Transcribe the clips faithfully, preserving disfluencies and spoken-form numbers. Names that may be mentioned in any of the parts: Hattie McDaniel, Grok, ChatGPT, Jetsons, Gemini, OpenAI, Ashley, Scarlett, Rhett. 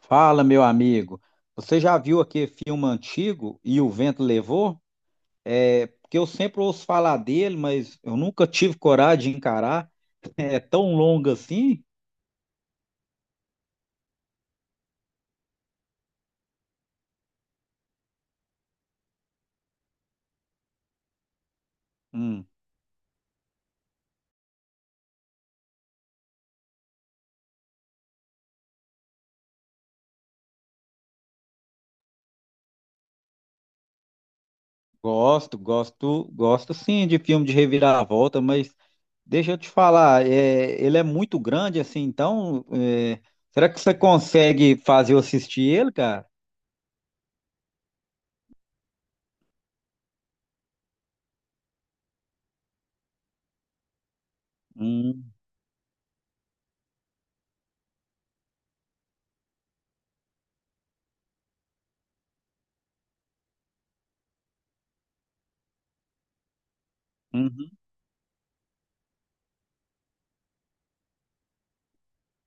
Fala, meu amigo. Você já viu aquele filme antigo E o Vento Levou? É, porque eu sempre ouço falar dele, mas eu nunca tive coragem de encarar. É tão longo assim? Hum, gosto, gosto, gosto sim de filme de reviravolta, mas deixa eu te falar, é, ele é muito grande assim, então é, será que você consegue fazer eu assistir ele, cara? Hum, uhum,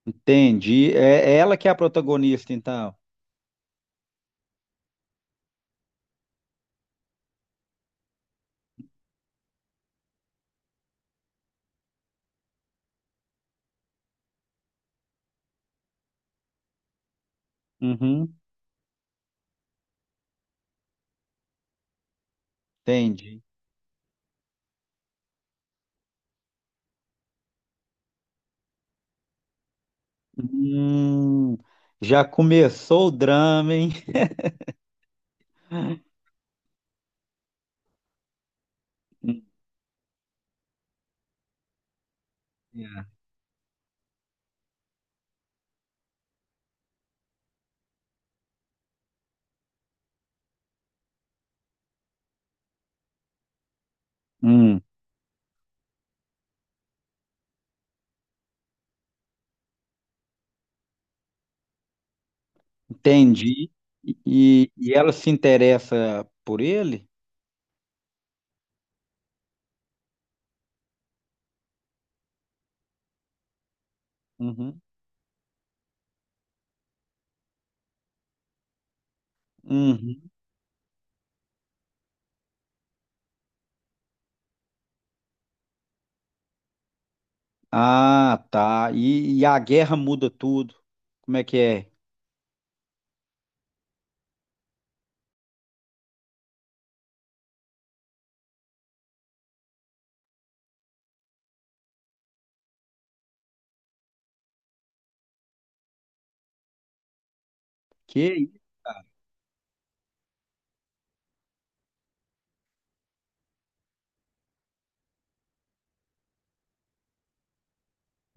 entendi. É, ela que é a protagonista, então. Uhum, entendi. Hum, já começou o drama, hein? Hum, é. Hum, entendi. E, e ela se interessa por ele? Uhum. Uhum. Ah, tá. E, e a guerra muda tudo. Como é que é? Que?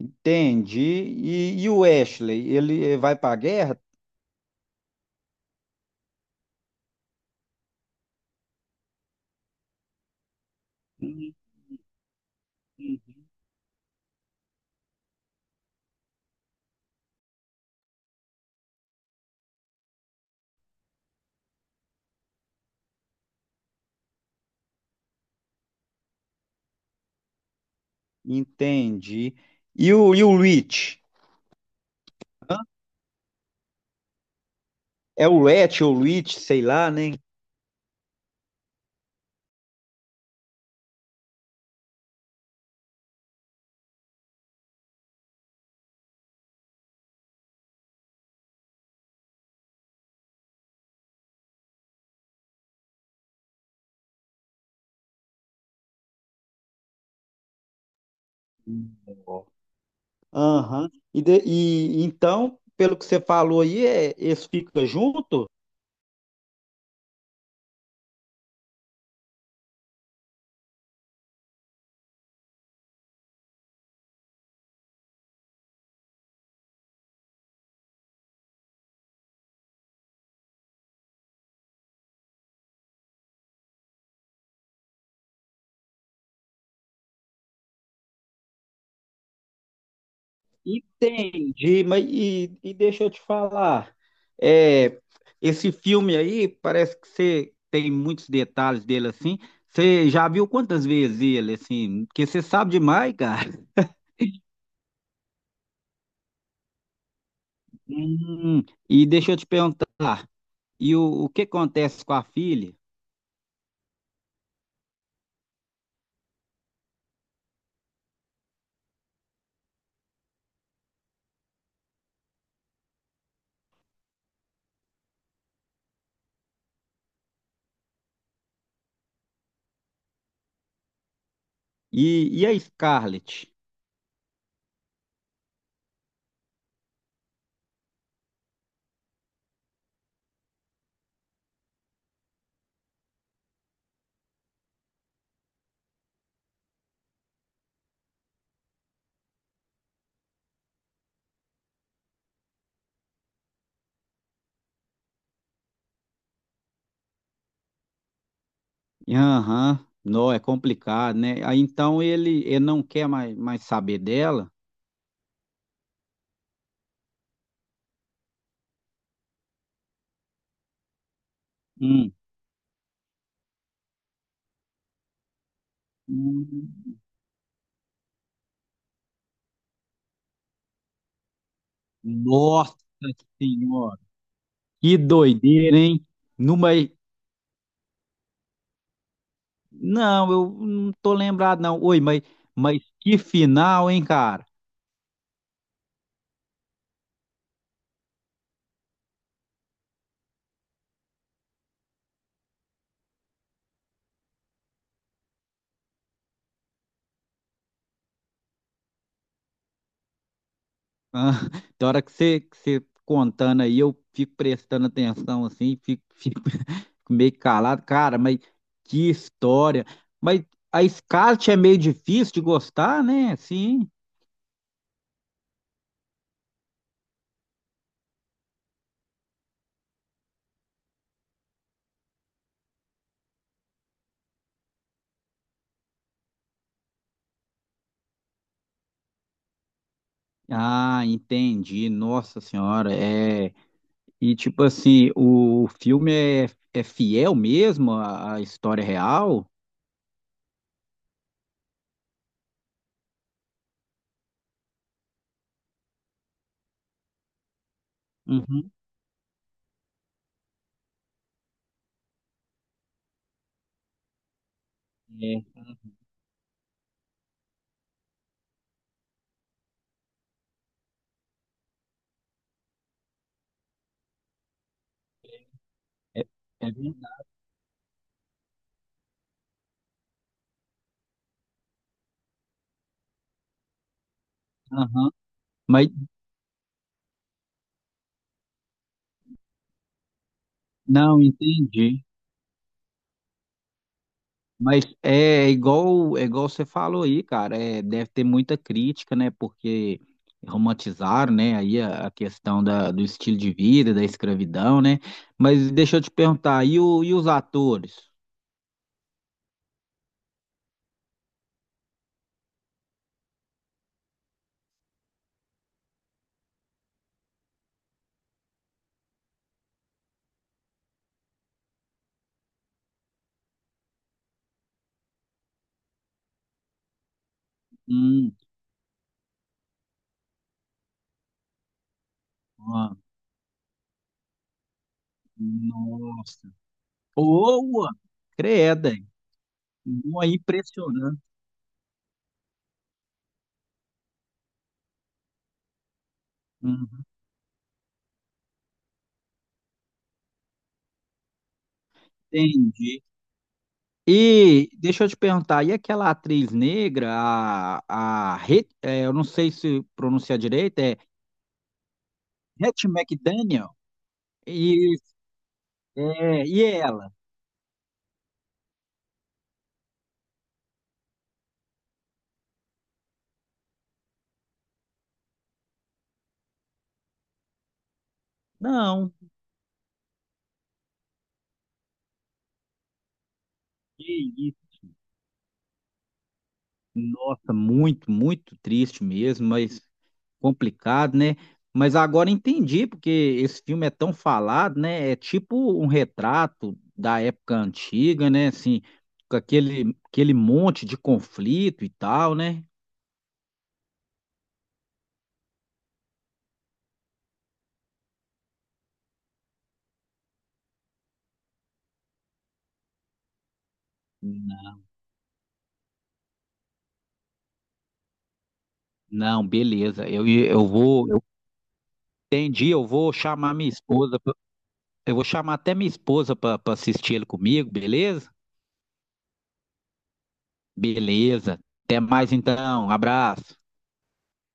Entendi. E, e o Ashley, ele vai para a guerra? Uhum. Entendi. E o, e o Rich? É o Rhett ou Rich, sei lá, né? Hum. Aham. E, de- e então, pelo que você falou aí, é, eles ficam junto? Entendi, mas e, e deixa eu te falar, é, esse filme aí parece que você tem muitos detalhes dele assim. Você já viu quantas vezes ele assim? Porque você sabe demais, cara. Hum, e deixa eu te perguntar, e o, o que acontece com a filha? E, e a Scarlett? Aham. Não, é complicado, né? Aí então ele, ele não quer mais, mais saber dela. Hum. Hum. Nossa Senhora, que doideira, hein? Não, mas, não, eu não tô lembrado, não. Oi, mas, mas que final, hein, cara? Ah, da hora que você, que você contando aí, eu fico prestando atenção assim, fico, fico meio calado. Cara, mas que história. Mas a Scarlett é meio difícil de gostar, né? Sim. Ah, entendi. Nossa Senhora, é. E tipo assim, o filme é, é fiel mesmo à, à história real? Uhum. É, é, é verdade. Aham. Mas não entendi. Mas é igual, é igual você falou aí, cara. É, deve ter muita crítica, né? Porque romantizaram, né? Aí a, a questão da, do estilo de vida, da escravidão, né? Mas deixa eu te perguntar, e, o, e os atores? Hum, ah, nossa. Boa, credem. Boa, impressionante. Uhum. Entendi. E deixa eu te perguntar, e aquela atriz negra, a, a Re- é, eu não sei se pronunciar direito, é Hattie McDaniel? E, é, e ela? Não. Nossa, muito, muito triste mesmo, mas complicado, né? Mas agora entendi porque esse filme é tão falado, né? É tipo um retrato da época antiga, né? Assim, com aquele, aquele monte de conflito e tal, né? Não, beleza. Eu, eu vou, eu entendi, eu vou chamar minha esposa, pra- eu vou chamar até minha esposa para assistir ele comigo, beleza? Beleza. Até mais então. Abraço.